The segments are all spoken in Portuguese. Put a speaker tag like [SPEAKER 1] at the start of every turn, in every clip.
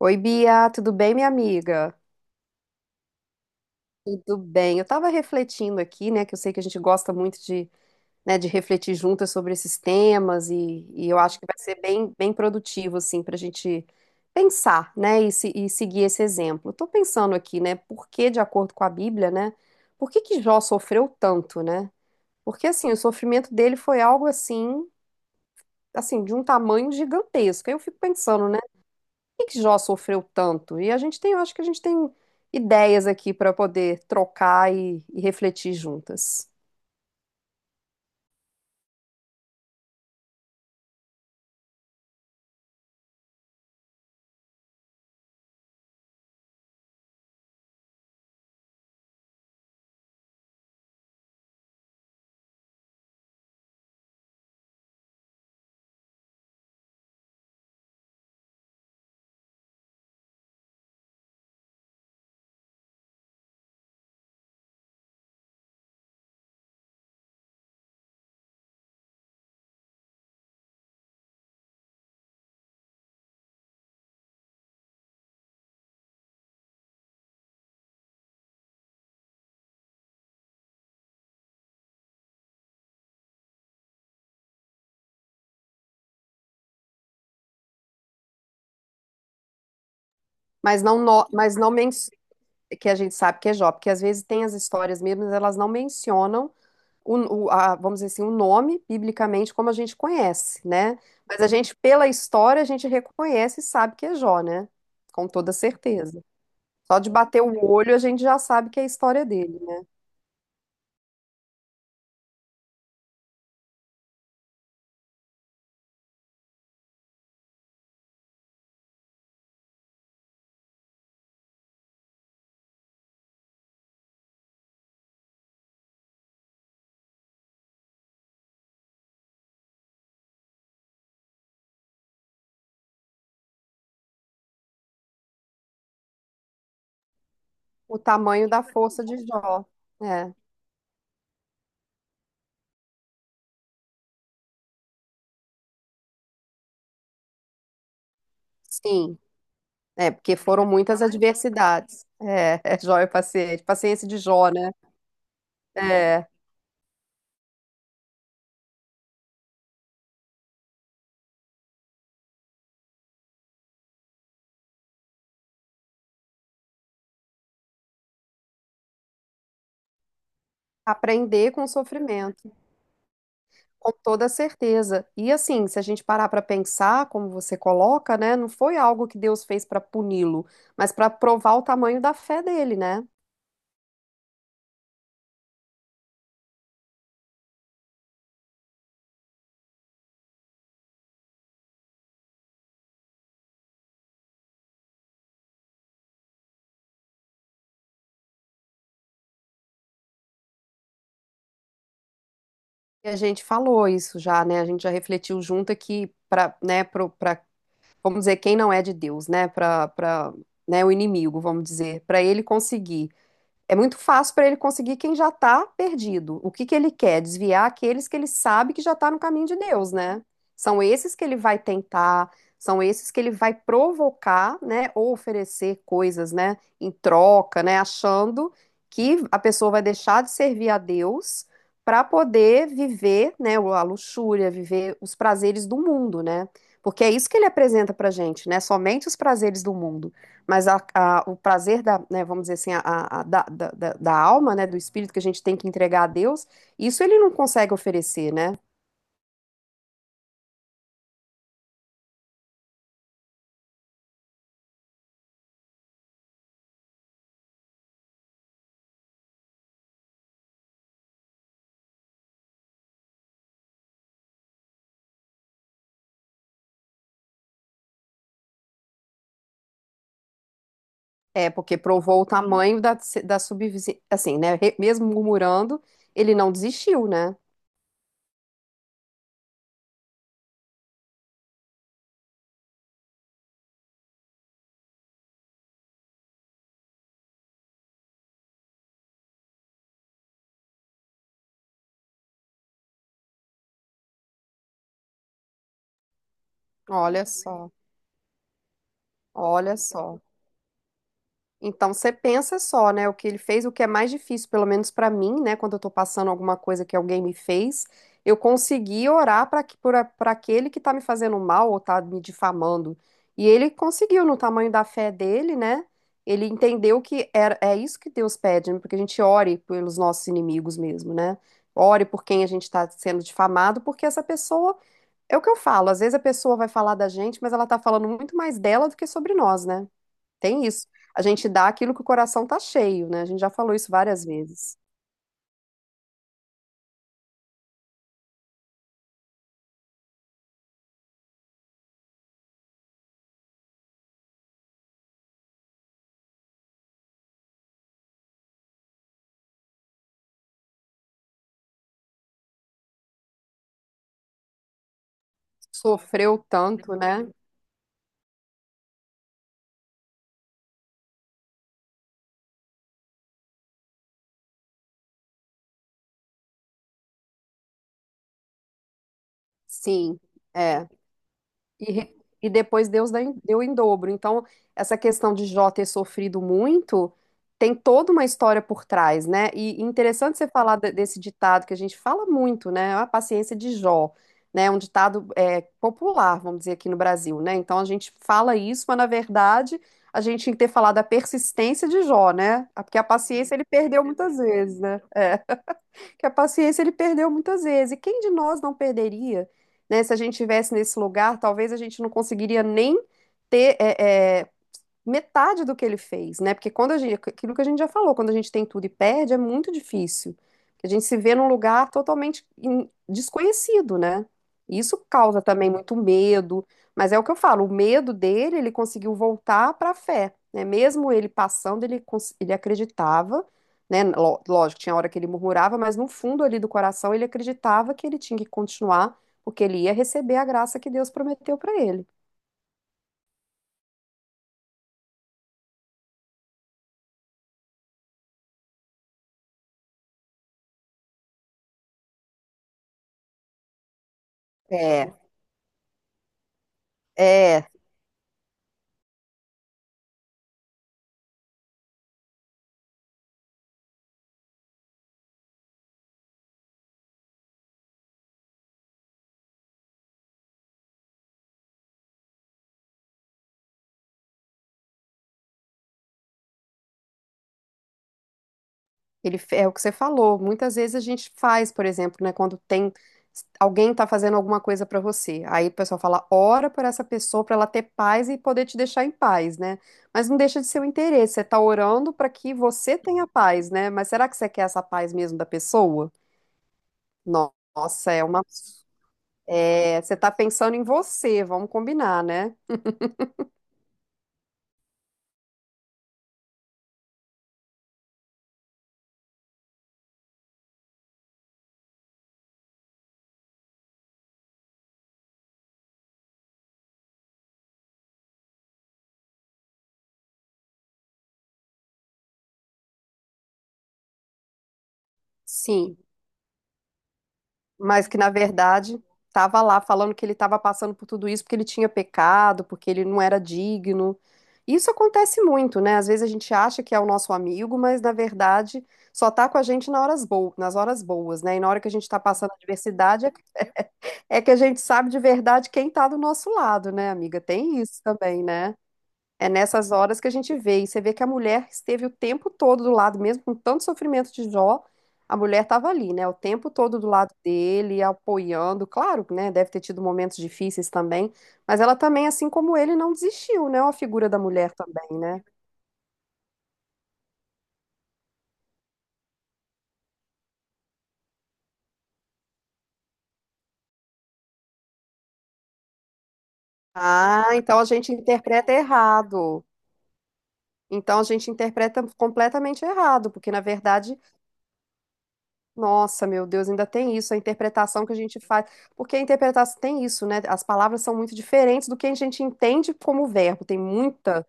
[SPEAKER 1] Oi, Bia, tudo bem, minha amiga? Tudo bem. Eu estava refletindo aqui, né, que eu sei que a gente gosta muito de refletir juntas sobre esses temas e eu acho que vai ser bem produtivo, assim, para a gente pensar, né, e, e seguir esse exemplo. Estou pensando aqui, né, por que, de acordo com a Bíblia, né, por que que Jó sofreu tanto, né? Porque, assim, o sofrimento dele foi algo, assim, de um tamanho gigantesco. Aí eu fico pensando, né, que Jó sofreu tanto? E a gente tem, eu acho que a gente tem ideias aqui para poder trocar e refletir juntas. Mas não, no- mas não men- Que a gente sabe que é Jó, porque às vezes tem as histórias mesmo, mas elas não mencionam vamos dizer assim, o nome biblicamente como a gente conhece, né? Mas a gente, pela história, a gente reconhece e sabe que é Jó, né? Com toda certeza. Só de bater o olho, a gente já sabe que é a história dele, né? O tamanho da força de Jó. É, sim. É, porque foram muitas adversidades. É, é Jó e paciente, paciência de Jó, né? É, aprender com o sofrimento, com toda certeza. E assim, se a gente parar para pensar, como você coloca, né, não foi algo que Deus fez para puni-lo, mas para provar o tamanho da fé dele, né? E a gente falou isso já, né? A gente já refletiu junto aqui para, né, vamos dizer, quem não é de Deus, né? Né, o inimigo, vamos dizer, para ele conseguir. É muito fácil para ele conseguir quem já está perdido. O que que ele quer? Desviar aqueles que ele sabe que já está no caminho de Deus, né? São esses que ele vai tentar, são esses que ele vai provocar, né? Ou oferecer coisas, né? Em troca, né? Achando que a pessoa vai deixar de servir a Deus para poder viver, né, a luxúria, viver os prazeres do mundo, né? Porque é isso que ele apresenta para gente, né? Somente os prazeres do mundo. Mas o prazer da, né, vamos dizer assim, da alma, né, do espírito que a gente tem que entregar a Deus, isso ele não consegue oferecer, né? É, porque provou o tamanho da, da subvivência, assim, né? Mesmo murmurando, ele não desistiu, né? Olha só, olha só. Então você pensa só, né, o que ele fez, o que é mais difícil, pelo menos pra mim, né, quando eu tô passando alguma coisa que alguém me fez, eu consegui orar para que, para aquele que tá me fazendo mal ou tá me difamando. E ele conseguiu no tamanho da fé dele, né? Ele entendeu que era, é isso que Deus pede, né, porque a gente ore pelos nossos inimigos mesmo, né? Ore por quem a gente está sendo difamado, porque essa pessoa, é o que eu falo, às vezes a pessoa vai falar da gente, mas ela tá falando muito mais dela do que sobre nós, né? Tem isso. A gente dá aquilo que o coração tá cheio, né? A gente já falou isso várias vezes. Sofreu tanto, né? Sim, é. E, e depois Deus deu em dobro. Então, essa questão de Jó ter sofrido muito tem toda uma história por trás, né? E interessante você falar desse ditado que a gente fala muito, né? A paciência de Jó, né? Um ditado é, popular, vamos dizer, aqui no Brasil, né? Então, a gente fala isso, mas na verdade a gente tinha que ter falado a persistência de Jó, né? Porque a paciência ele perdeu muitas vezes, né? É que a paciência ele perdeu muitas vezes. E quem de nós não perderia, né? Se a gente tivesse nesse lugar, talvez a gente não conseguiria nem ter metade do que ele fez, né? Porque quando a gente, aquilo que a gente já falou, quando a gente tem tudo e perde, é muito difícil. A gente se vê num lugar totalmente desconhecido, né? E isso causa também muito medo, mas é o que eu falo, o medo dele, ele conseguiu voltar para a fé, né? Mesmo ele passando, ele, ele acreditava, né? Lógico, tinha hora que ele murmurava, mas no fundo ali do coração ele acreditava que ele tinha que continuar, porque ele ia receber a graça que Deus prometeu para ele. É, é, Ele é o que você falou. Muitas vezes a gente faz, por exemplo, né, quando tem alguém tá fazendo alguma coisa pra você. Aí o pessoal fala, ora por essa pessoa pra ela ter paz e poder te deixar em paz, né? Mas não deixa de ser o interesse. Você tá orando pra que você tenha paz, né? Mas será que você quer essa paz mesmo da pessoa? Nossa, você tá pensando em você, vamos combinar, né? Sim, mas que na verdade estava lá falando que ele estava passando por tudo isso porque ele tinha pecado, porque ele não era digno. Isso acontece muito, né? Às vezes a gente acha que é o nosso amigo, mas na verdade só tá com a gente nas horas boas, né? E na hora que a gente está passando adversidade é é que a gente sabe de verdade quem tá do nosso lado, né, amiga? Tem isso também, né? É nessas horas que a gente vê. E você vê que a mulher esteve o tempo todo do lado, mesmo com tanto sofrimento de Jó, a mulher estava ali, né? O tempo todo do lado dele, apoiando. Claro, né? Deve ter tido momentos difíceis também. Mas ela também, assim como ele, não desistiu, né? A figura da mulher também, né? Ah, então a gente interpreta errado. Então a gente interpreta completamente errado, porque na verdade Nossa, meu Deus, ainda tem isso, a interpretação que a gente faz. Porque a interpretação tem isso, né? As palavras são muito diferentes do que a gente entende como verbo. Tem muita.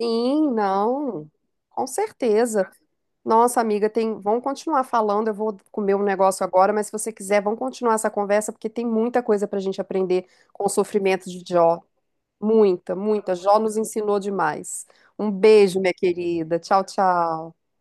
[SPEAKER 1] Sim, não. Com certeza. Nossa, amiga, tem... vamos continuar falando. Eu vou comer um negócio agora, mas se você quiser, vamos continuar essa conversa, porque tem muita coisa para a gente aprender com o sofrimento de Jó. Muita, muita. Jó nos ensinou demais. Um beijo, minha querida. Tchau, tchau.